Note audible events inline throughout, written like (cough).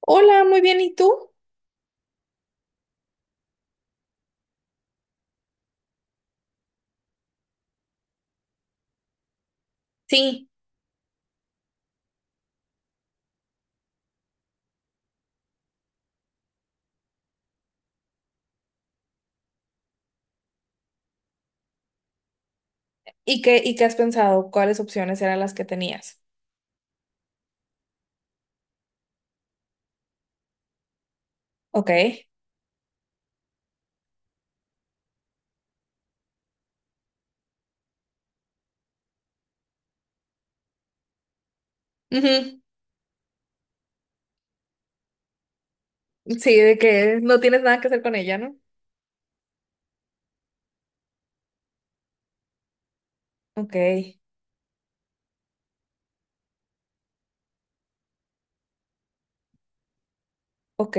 Hola, muy bien, ¿y tú? Sí, ¿y qué has pensado? ¿Cuáles opciones eran las que tenías? Ok. Ujú. Sí, de que no tienes nada que hacer con ella, ¿no? Ok, ok.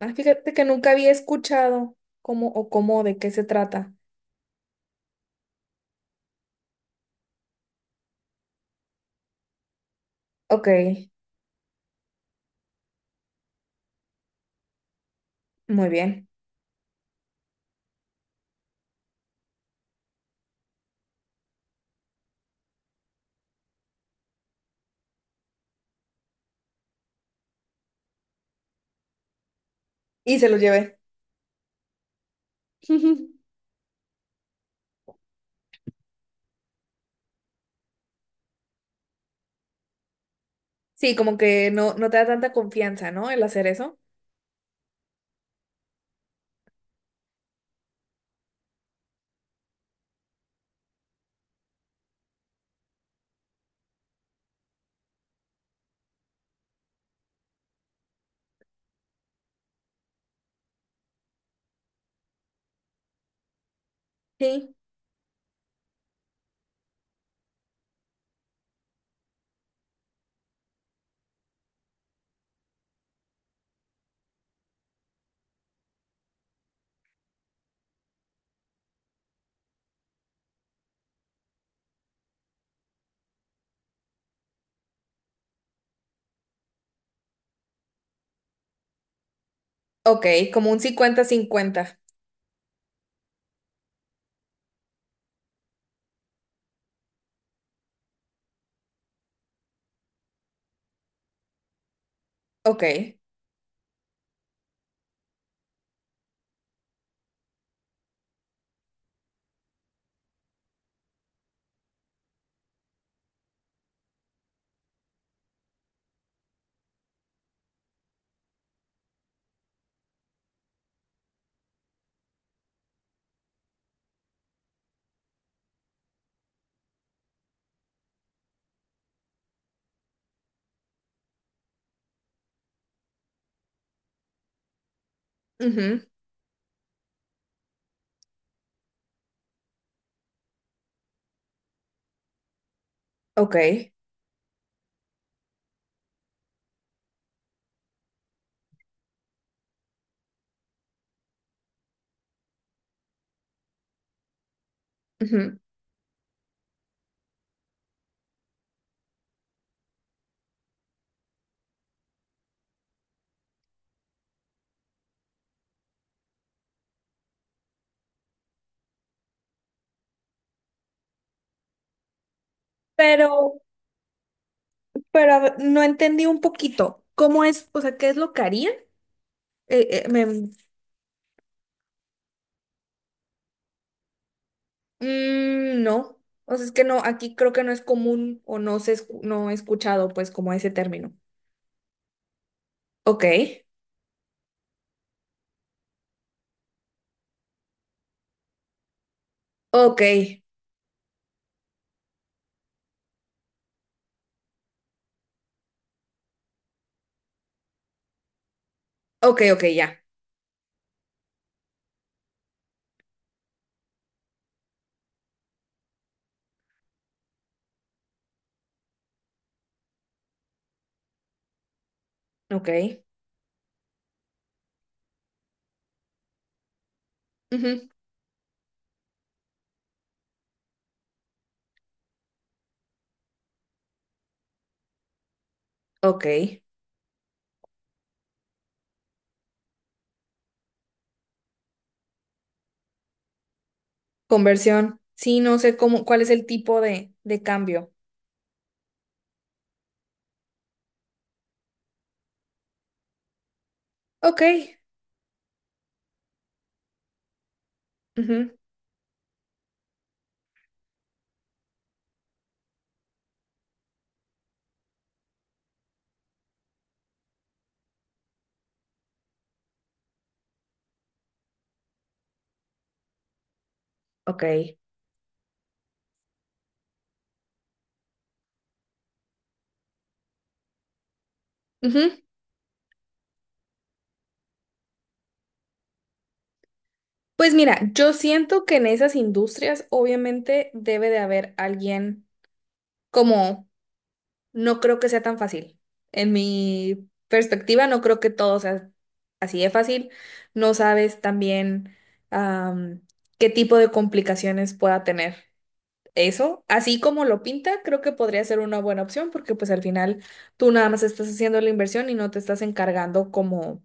Ah, fíjate que nunca había escuchado cómo o cómo de qué se trata. Ok, muy bien. Y se lo llevé. (laughs) Sí, como que no te da tanta confianza, ¿no? El hacer eso. Sí. Ok, como un cincuenta-cincuenta. Ok, ujú. Ok, ujú. Pero, Pero a ver, no entendí un poquito. ¿Cómo es? O sea, ¿qué es lo que harían? Eh, eh, me- no. O sea, es que no, aquí creo que no es común o no he escuchado pues como ese término. Ok, ok, ok, ok, ya. Ok, ujú. Ok. Conversión. Sí, no sé cómo, cuál es el tipo de cambio. Ok, ujú. Ok, ujú. Pues mira, yo siento que en esas industrias obviamente debe de haber alguien como No creo que sea tan fácil. En mi perspectiva, no creo que todo sea así de fácil. No sabes también am, qué tipo de complicaciones pueda tener eso. Así como lo pinta, creo que podría ser una buena opción porque pues al final tú nada más estás haciendo la inversión y no te estás encargando como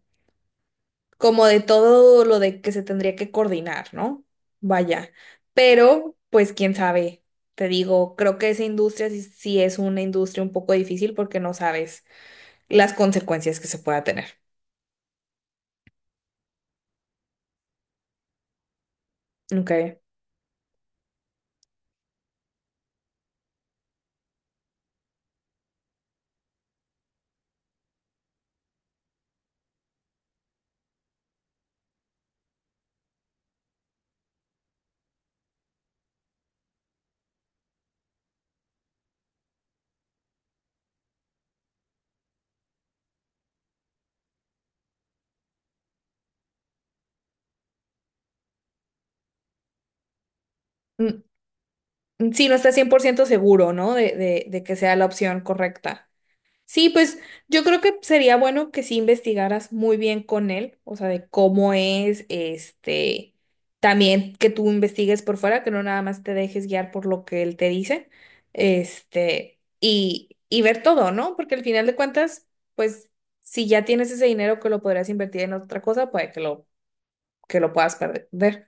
como de todo lo de que se tendría que coordinar, ¿no? Vaya, pero pues quién sabe, te digo, creo que esa industria sí es una industria un poco difícil porque no sabes las consecuencias que se pueda tener. Ok. Mm, mm, sí, no estás 100% seguro, ¿no? De que sea la opción correcta. Sí, pues yo creo que sería bueno que sí investigaras muy bien con él, o sea, de cómo es, este, también que tú investigues por fuera, que no nada más te dejes guiar por lo que él te dice, este, y ver todo, ¿no? Porque al final de cuentas, pues si ya tienes ese dinero que lo podrías invertir en otra cosa, puede que lo puedas perder.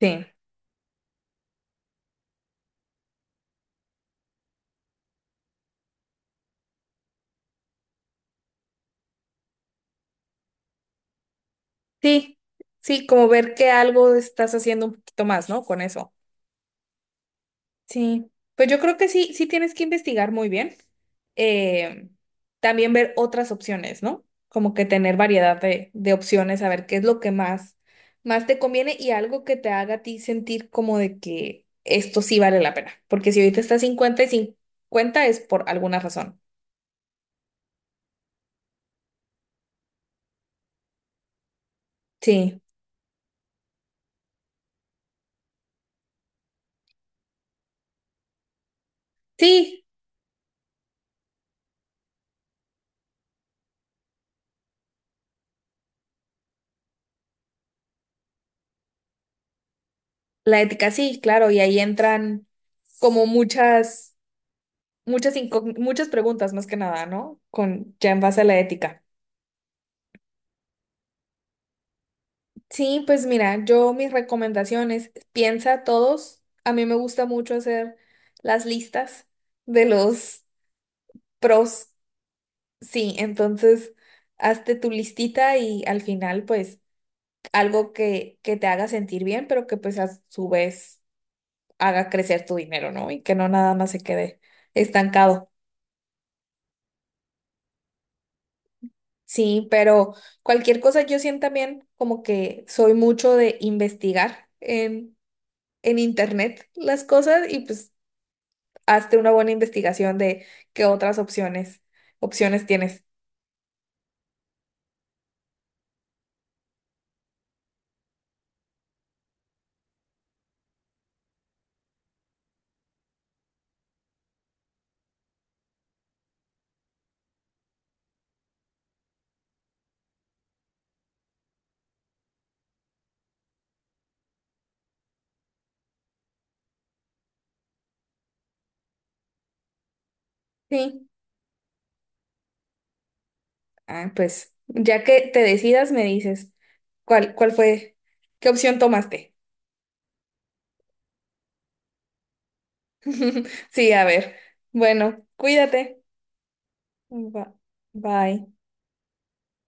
Sí, sí, sí, como ver que algo estás haciendo un poquito más, ¿no? Con eso. Sí, pues yo creo que sí tienes que investigar muy bien. Eh, También ver otras opciones, ¿no? Como que tener variedad de opciones, a ver qué es lo que más te conviene y algo que te haga a ti sentir como de que esto sí vale la pena. Porque si ahorita está 50 y 50 es por alguna razón. Sí, sí, la ética sí, claro, y ahí entran como muchas preguntas más que nada, ¿no? Con ya en base a la ética. Sí, pues mira, yo mis recomendaciones, piensa todos, a mí me gusta mucho hacer las listas de los pros, sí, entonces hazte tu listita y al final pues algo que te haga sentir bien, pero que pues a su vez haga crecer tu dinero, ¿no? Y que no nada más se quede estancado. Sí, pero cualquier cosa yo siento también como que soy mucho de investigar en internet las cosas y pues hazte una buena investigación de qué otras opciones tienes. Sí. Ah, pues ya que te decidas, me dices cuál fue, qué opción tomaste. (laughs) Sí, a ver. Bueno, cuídate. Ba- Bye.